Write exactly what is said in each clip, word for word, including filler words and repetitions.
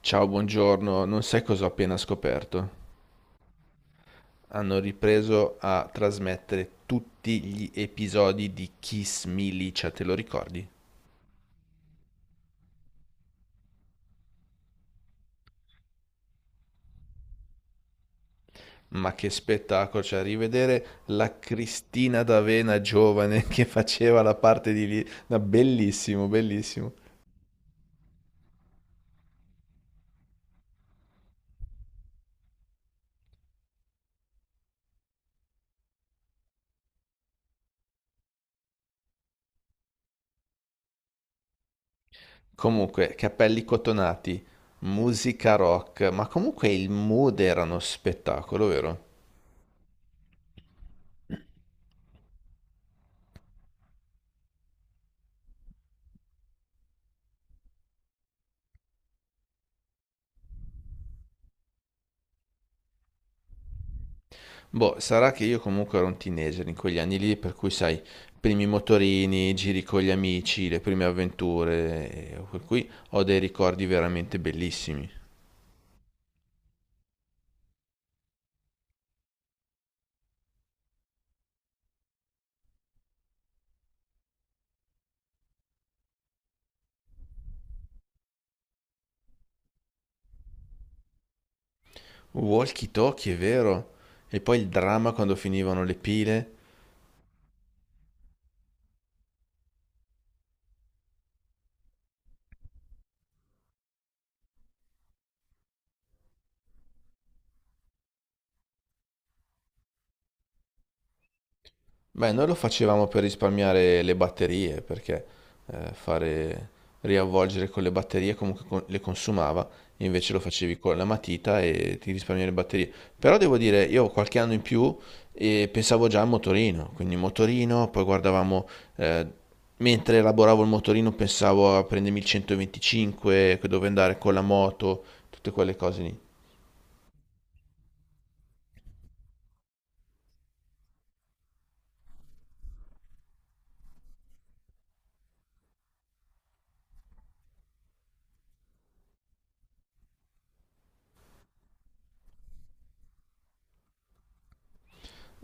Ciao, buongiorno. Non sai cosa ho appena scoperto? Hanno ripreso a trasmettere tutti gli episodi di Kiss Milicia, te lo ricordi? Ma che spettacolo, cioè rivedere la Cristina D'Avena giovane che faceva la parte di lì, no, bellissimo, bellissimo. Comunque, capelli cotonati, musica rock, ma comunque il mood era uno spettacolo, vero? Boh, sarà che io comunque ero un teenager in quegli anni lì, per cui sai, primi motorini, giri con gli amici, le prime avventure, e per cui ho dei ricordi veramente bellissimi. Walkie talkie, è vero? E poi il dramma quando finivano le pile. Beh, noi lo facevamo per risparmiare le batterie, perché eh, fare riavvolgere con le batterie comunque con- le consumava, invece lo facevi con la matita e ti risparmiavi le batterie. Però devo dire, io qualche anno in più eh, pensavo già al motorino, quindi motorino, poi guardavamo, eh, mentre elaboravo il motorino pensavo a prendermi il centoventicinque, dove andare con la moto, tutte quelle cose lì.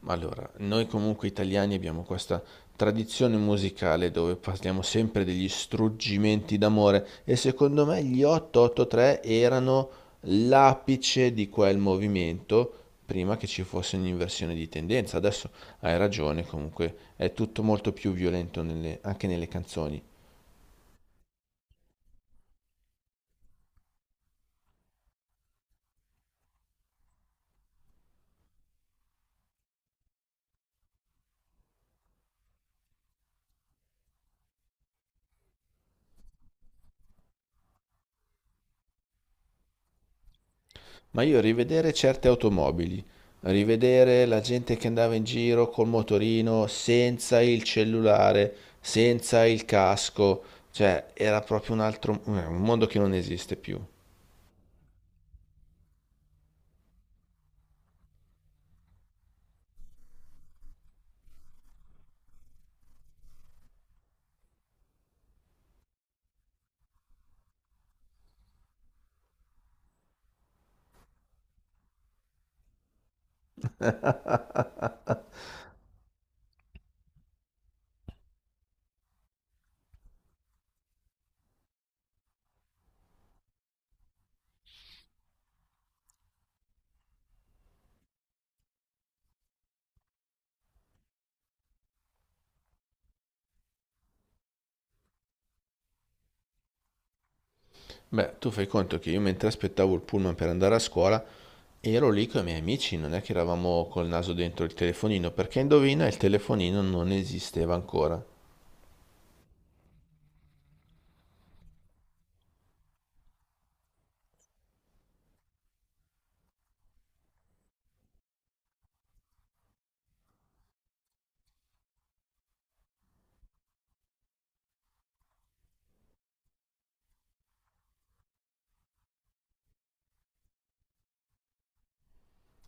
Allora, noi comunque italiani abbiamo questa tradizione musicale dove parliamo sempre degli struggimenti d'amore e secondo me gli otto otto tre erano l'apice di quel movimento prima che ci fosse un'inversione di tendenza. Adesso hai ragione, comunque è tutto molto più violento nelle- anche nelle canzoni. Ma io rivedere certe automobili, rivedere la gente che andava in giro col motorino, senza il cellulare, senza il casco, cioè era proprio un altro, eh, un mondo che non esiste più. Beh, tu fai conto che io mentre aspettavo il pullman per andare a scuola, ero lì con i miei amici, non è che eravamo col naso dentro il telefonino, perché indovina, il telefonino non esisteva ancora.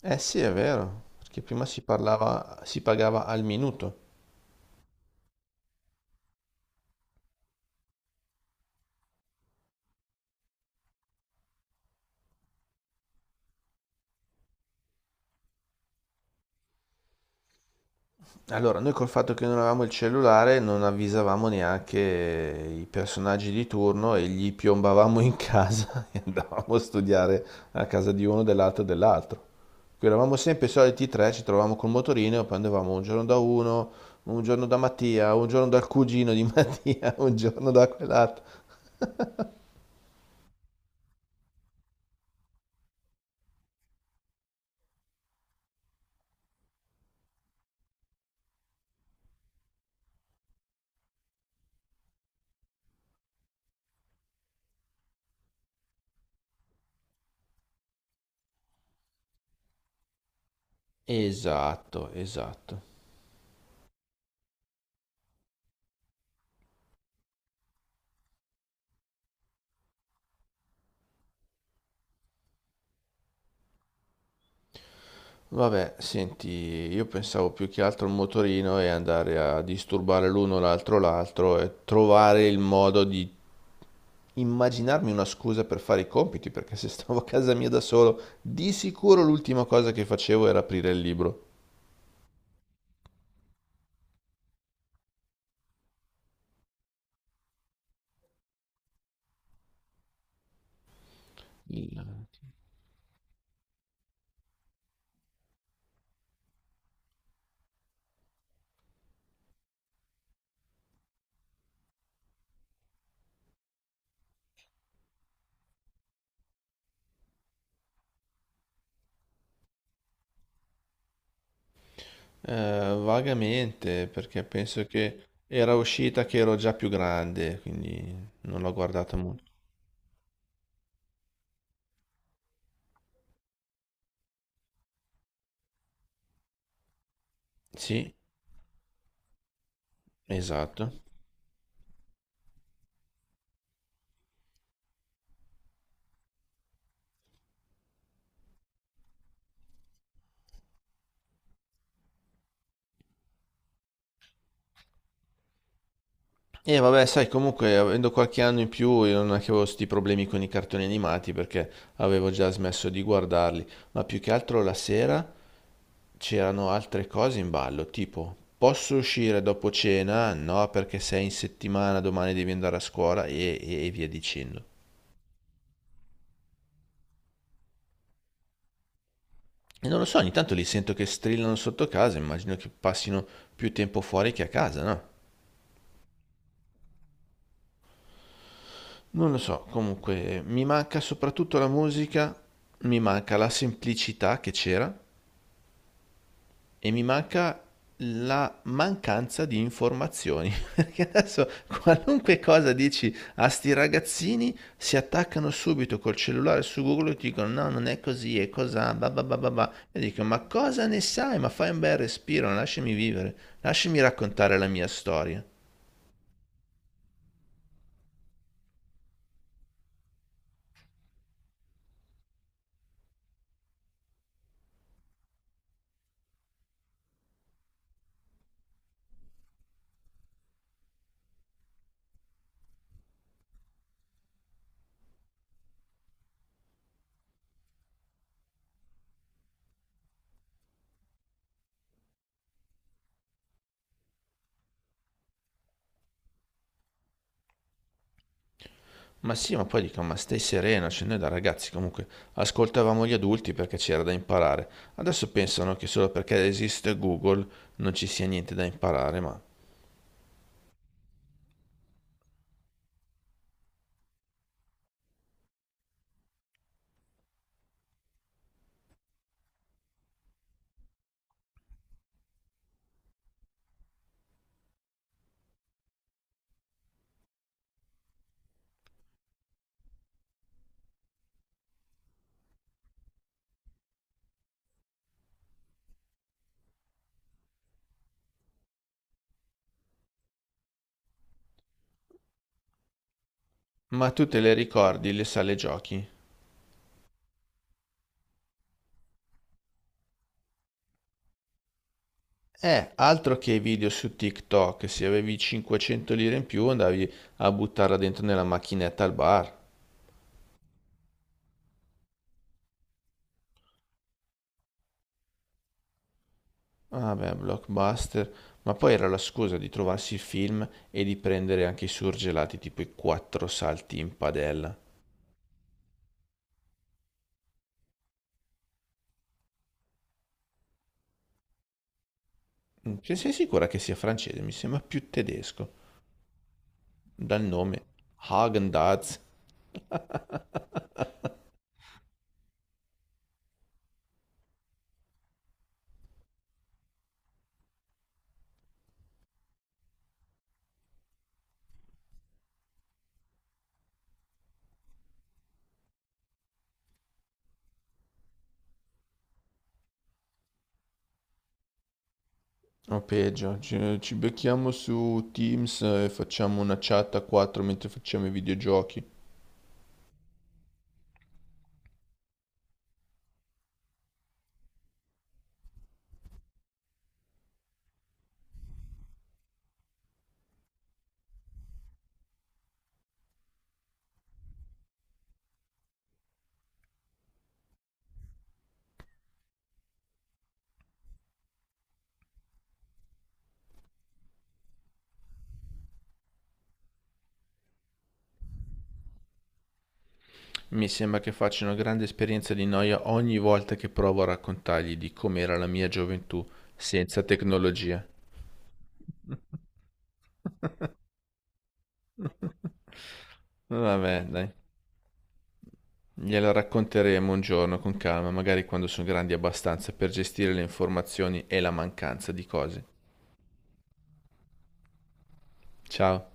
Eh sì, è vero, perché prima si parlava, si pagava al minuto. Allora, noi col fatto che non avevamo il cellulare non avvisavamo neanche i personaggi di turno e gli piombavamo in casa e andavamo a studiare a casa di uno, dell'altro e dell'altro. Qui eravamo sempre i soliti tre, ci trovavamo col motorino e poi andavamo un giorno da uno, un giorno da Mattia, un giorno dal cugino di Mattia, un giorno da quell'altro. Esatto, esatto. Vabbè, senti, io pensavo più che altro al motorino e andare a disturbare l'uno l'altro l'altro e trovare il modo di immaginarmi una scusa per fare i compiti, perché se stavo a casa mia da solo, di sicuro l'ultima cosa che facevo era aprire il libro. Il- Eh, vagamente, perché penso che era uscita che ero già più grande, quindi non l'ho guardata molto. Sì, esatto. E vabbè, sai, comunque avendo qualche anno in più io non è che avevo sti problemi con i cartoni animati perché avevo già smesso di guardarli, ma più che altro la sera c'erano altre cose in ballo, tipo posso uscire dopo cena? No, perché sei in settimana, domani devi andare a scuola e, e- e via dicendo. E non lo so, ogni tanto li sento che strillano sotto casa, immagino che passino più tempo fuori che a casa, no? Non lo so, comunque mi manca soprattutto la musica, mi manca la semplicità che c'era, e mi manca la mancanza di informazioni. Perché adesso qualunque cosa dici a sti ragazzini si attaccano subito col cellulare su Google e ti dicono no, non è così, è cos'ha, ba ba ba ba ba. E dico ma cosa ne sai? Ma fai un bel respiro, lasciami vivere, lasciami raccontare la mia storia. Ma sì, ma poi dico, ma stai sereno, cioè noi da ragazzi comunque ascoltavamo gli adulti perché c'era da imparare. Adesso pensano che solo perché esiste Google non ci sia niente da imparare, ma... Ma tu te le ricordi le sale giochi? Eh, altro che i video su TikTok, se avevi cinquecento lire in più andavi a buttarla dentro nella macchinetta al bar. Vabbè, blockbuster, ma poi era la scusa di trovarsi il film e di prendere anche i surgelati tipo i quattro salti in padella. Mm, cioè, sei sicura che sia francese? Mi sembra più tedesco, dal nome Häagen-Dazs. O peggio, ci, ci becchiamo su Teams e facciamo una chat a quattro mentre facciamo i videogiochi. Mi sembra che faccia una grande esperienza di noia ogni volta che provo a raccontargli di com'era la mia gioventù senza tecnologia. Vabbè, dai. Gliela racconteremo un giorno con calma, magari quando sono grandi abbastanza per gestire le informazioni e la mancanza di cose. Ciao.